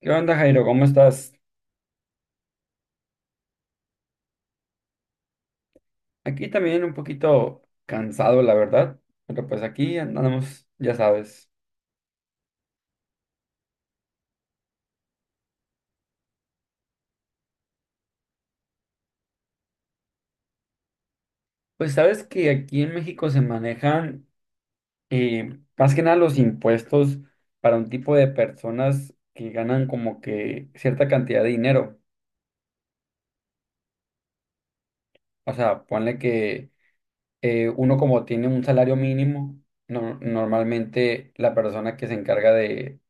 ¿Qué onda, Jairo? ¿Cómo estás? Aquí también un poquito cansado, la verdad, pero pues aquí andamos, ya sabes. Pues sabes que aquí en México se manejan más que nada los impuestos para un tipo de personas que ganan como que cierta cantidad de dinero. O sea, ponle que uno como tiene un salario mínimo, normalmente la persona que se encarga de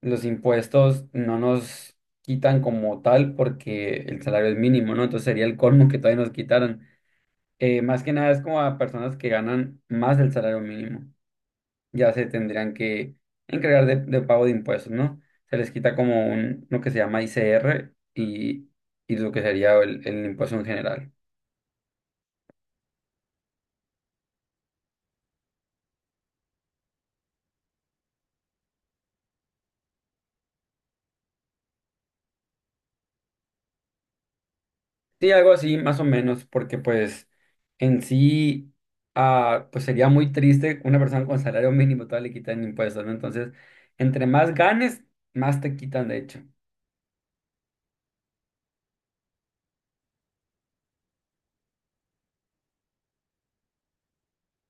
los impuestos no nos quitan como tal porque el salario es mínimo, ¿no? Entonces sería el colmo que todavía nos quitaran. Más que nada es como a personas que ganan más del salario mínimo, ya se tendrían que encargar de pago de impuestos, ¿no? Se les quita como un, lo que se llama ICR y lo que sería el impuesto en general. Sí, algo así, más o menos, porque pues en sí, pues sería muy triste que una persona con salario mínimo todavía le quitan impuestos, ¿no? Entonces, entre más ganes, más te quitan, de hecho.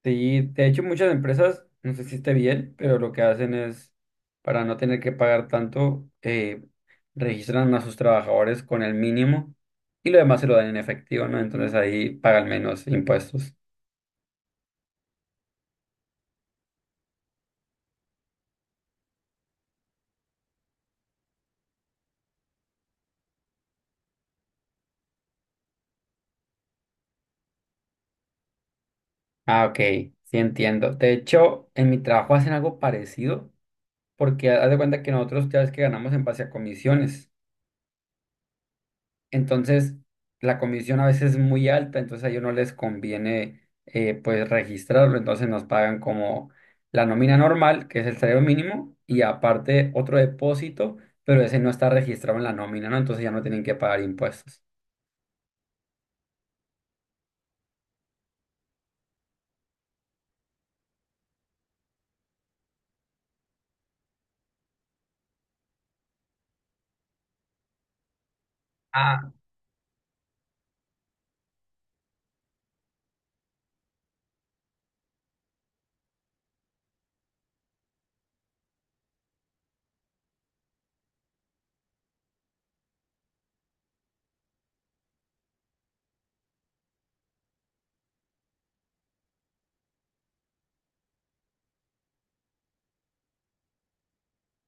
Sí, de hecho, muchas empresas, no sé si esté bien, pero lo que hacen es, para no tener que pagar tanto, registran a sus trabajadores con el mínimo y lo demás se lo dan en efectivo, ¿no? Entonces ahí pagan menos impuestos. Ah, ok, sí entiendo. De hecho, en mi trabajo hacen algo parecido porque haz de cuenta que nosotros ya ves que ganamos en base a comisiones. Entonces, la comisión a veces es muy alta, entonces a ellos no les conviene pues registrarlo, entonces nos pagan como la nómina normal, que es el salario mínimo, y aparte otro depósito, pero ese no está registrado en la nómina, ¿no? Entonces ya no tienen que pagar impuestos. ah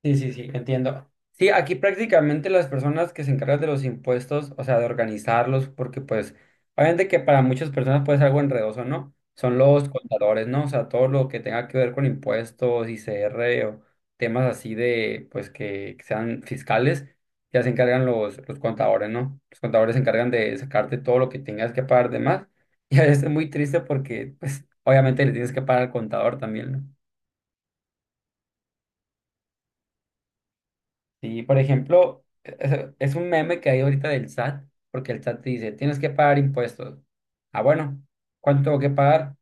Sí, sí, sí, entiendo. Sí, aquí prácticamente las personas que se encargan de los impuestos, o sea, de organizarlos, porque pues, obviamente que para muchas personas puede ser algo enredoso, ¿no? Son los contadores, ¿no? O sea, todo lo que tenga que ver con impuestos, ICR o temas así de, pues, que sean fiscales, ya se encargan los contadores, ¿no? Los contadores se encargan de sacarte todo lo que tengas que pagar de más. Y a veces es muy triste porque, pues, obviamente le tienes que pagar al contador también, ¿no? Sí, por ejemplo, es un meme que hay ahorita del SAT, porque el SAT te dice, tienes que pagar impuestos. Ah, bueno, ¿cuánto tengo que pagar?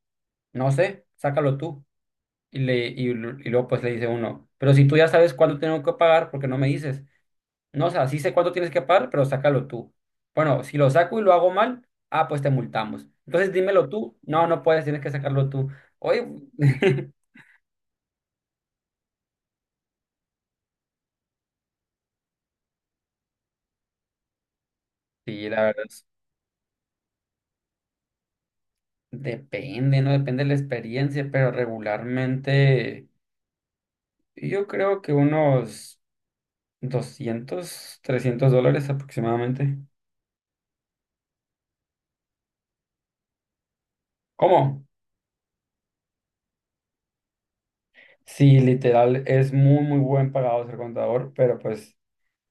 No sé, sácalo tú. Y luego pues le dice uno, pero si tú ya sabes cuánto tengo que pagar, ¿por qué no me dices? No, o sea, sí sé cuánto tienes que pagar, pero sácalo tú. Bueno, si lo saco y lo hago mal, ah, pues te multamos. Entonces dímelo tú. No, no puedes, tienes que sacarlo tú. Oye, sí, la verdad, depende, ¿no? Depende de la experiencia, pero regularmente... Yo creo que unos 200 300 dólares aproximadamente. ¿Cómo? Sí, literal, es muy, muy buen pagado ser contador, pero pues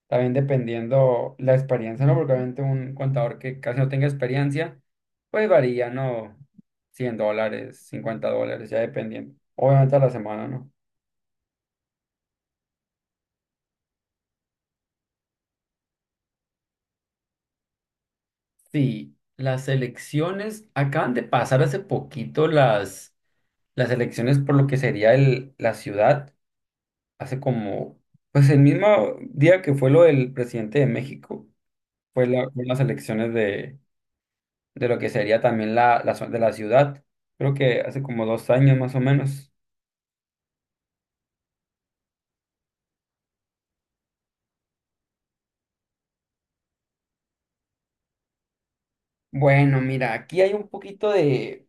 también dependiendo la experiencia, ¿no? Porque obviamente un contador que casi no tenga experiencia, pues varía, ¿no? $100, $50, ya dependiendo. Obviamente a la semana, ¿no? Sí, las elecciones, acaban de pasar hace poquito las elecciones por lo que sería la ciudad. Hace como, pues el mismo día que fue lo del presidente de México, fue las elecciones de lo que sería también de la ciudad, creo que hace como 2 años más o menos. Bueno, mira, aquí hay un poquito de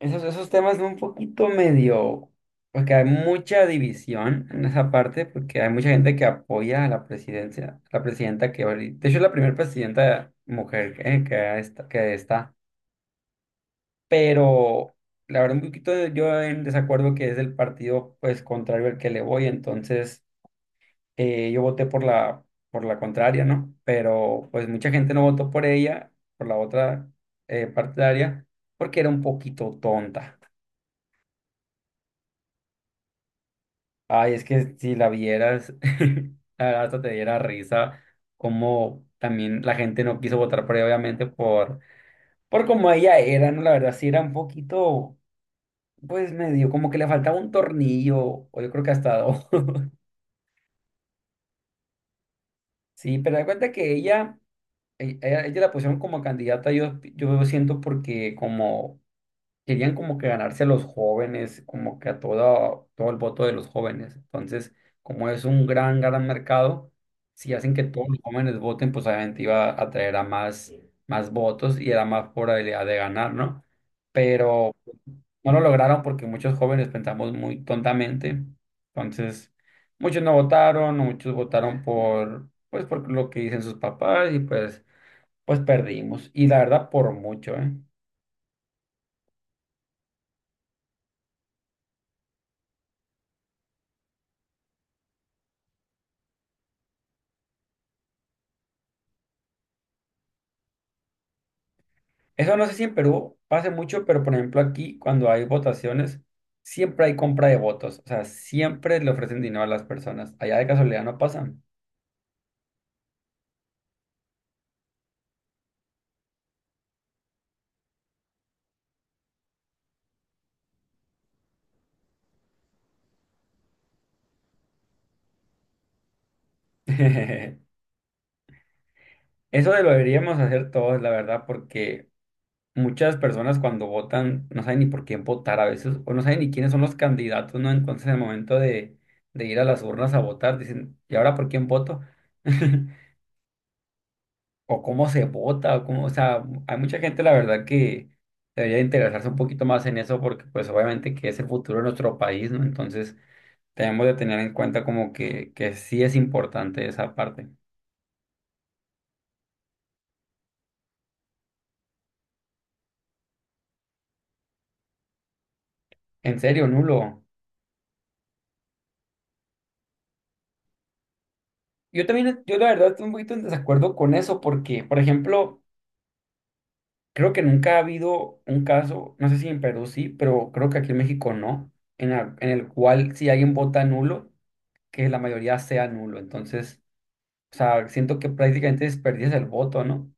esos temas son un poquito medio, porque hay mucha división en esa parte, porque hay mucha gente que apoya a la presidencia, la presidenta que ahorita, de hecho es la primera presidenta mujer que, que está. Pero la verdad un poquito yo en desacuerdo que es del partido pues contrario al que le voy, entonces yo voté por la contraria, ¿no? Pero pues mucha gente no votó por ella, por la otra partidaria, porque era un poquito tonta. Ay, es que si la vieras, la verdad hasta te diera risa, como también la gente no quiso votar por ella, obviamente, por como ella era, ¿no? La verdad sí era un poquito. Pues medio, como que le faltaba un tornillo, o yo creo que hasta dos. Sí, pero da cuenta que ella, ella la pusieron como candidata, yo siento porque como querían como que ganarse a los jóvenes, como que a todo el voto de los jóvenes. Entonces, como es un gran, gran mercado, si hacen que todos los jóvenes voten, pues obviamente iba a traer a más, más votos y era más probabilidad de ganar, ¿no? Pero no lo lograron porque muchos jóvenes pensamos muy tontamente. Entonces, muchos no votaron, muchos votaron por, pues, por lo que dicen sus papás y pues, pues perdimos. Y la verdad, por mucho, ¿eh? Eso no sé si en Perú pase mucho, pero por ejemplo aquí, cuando hay votaciones, siempre hay compra de votos. O sea, siempre le ofrecen dinero a las personas. Allá de casualidad no pasan. Eso lo deberíamos hacer todos, la verdad, porque muchas personas cuando votan no saben ni por quién votar a veces, o no saben ni quiénes son los candidatos, ¿no? Entonces, en el momento de ir a las urnas a votar, dicen, ¿y ahora por quién voto? O cómo se vota, o cómo, o sea, hay mucha gente, la verdad, que debería interesarse un poquito más en eso, porque pues obviamente que es el futuro de nuestro país, ¿no? Entonces, tenemos de tener en cuenta como que sí es importante esa parte. En serio, nulo. Yo también, yo la verdad estoy un poquito en desacuerdo con eso, porque, por ejemplo, creo que nunca ha habido un caso, no sé si en Perú sí, pero creo que aquí en México no, en, en el cual si alguien vota nulo, que la mayoría sea nulo. Entonces, o sea, siento que prácticamente desperdicias el voto, ¿no?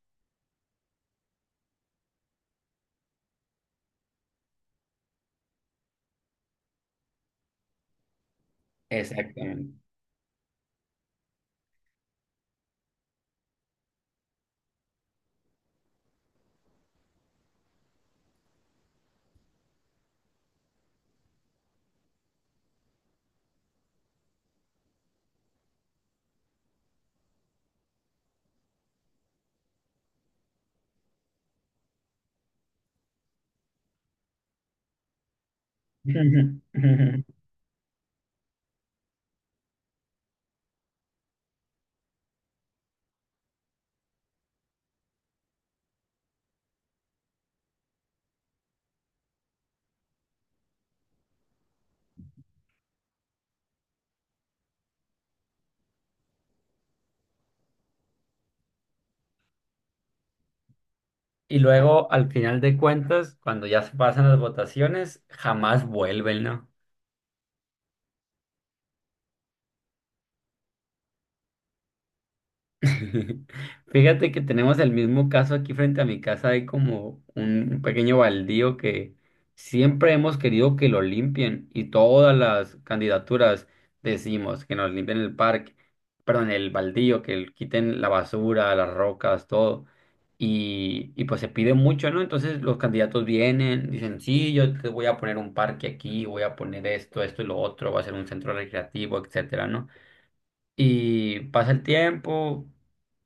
Exactamente. Y luego, al final de cuentas, cuando ya se pasan las votaciones, jamás vuelven, ¿no? Fíjate que tenemos el mismo caso aquí frente a mi casa. Hay como un pequeño baldío que siempre hemos querido que lo limpien y todas las candidaturas decimos que nos limpien el parque, perdón, el baldío, que quiten la basura, las rocas, todo. Y pues se pide mucho, ¿no? Entonces los candidatos vienen, dicen, sí, yo te voy a poner un parque aquí, voy a poner esto, esto y lo otro, va a ser un centro recreativo, etcétera, ¿no? Y pasa el tiempo,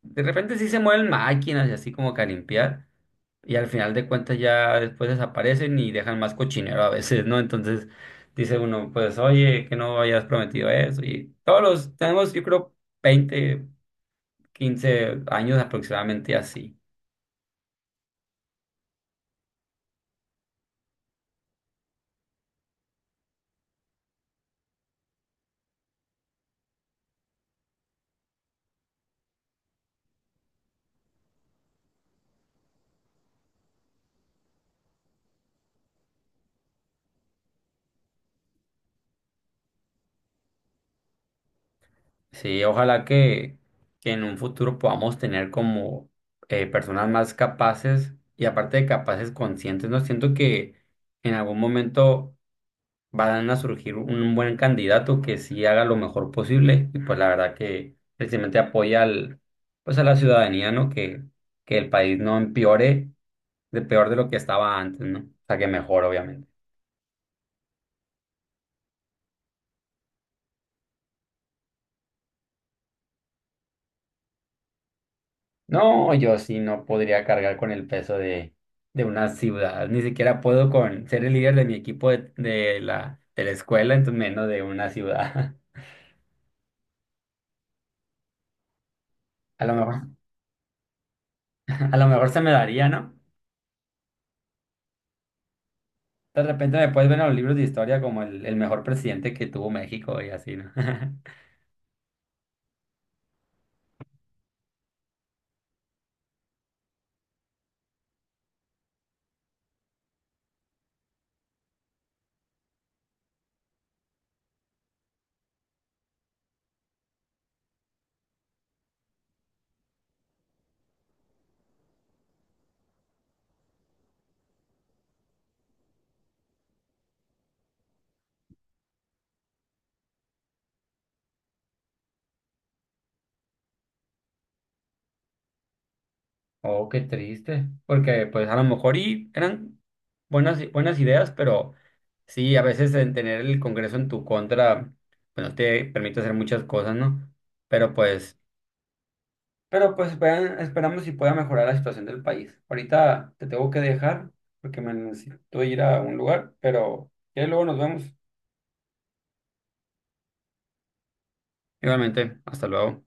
de repente sí se mueven máquinas y así como que a limpiar. Y al final de cuentas ya después desaparecen y dejan más cochinero a veces, ¿no? Entonces dice uno, pues oye, que no hayas prometido eso. Y todos los, tenemos yo creo 20 15 años aproximadamente así. Sí, ojalá que en un futuro podamos tener como personas más capaces y aparte de capaces conscientes, ¿no? Siento que en algún momento van a surgir un buen candidato que sí haga lo mejor posible y pues la verdad que precisamente apoya al, pues a la ciudadanía, ¿no? Que el país no empeore de peor de lo que estaba antes, ¿no? O sea, que mejor, obviamente. No, yo sí no podría cargar con el peso de una ciudad, ni siquiera puedo con ser el líder de mi equipo de la escuela, entonces menos de una ciudad. A lo mejor, a lo mejor se me daría, ¿no? De repente me puedes ver en los libros de historia como el mejor presidente que tuvo México y así, ¿no? Oh, qué triste. Porque pues a lo mejor y eran buenas ideas, pero sí, a veces en tener el Congreso en tu contra, pues no te permite hacer muchas cosas, ¿no? Pero pues, pero pues esperamos si pueda mejorar la situación del país. Ahorita te tengo que dejar porque me necesito ir a un lugar, pero ya luego nos vemos. Igualmente, hasta luego.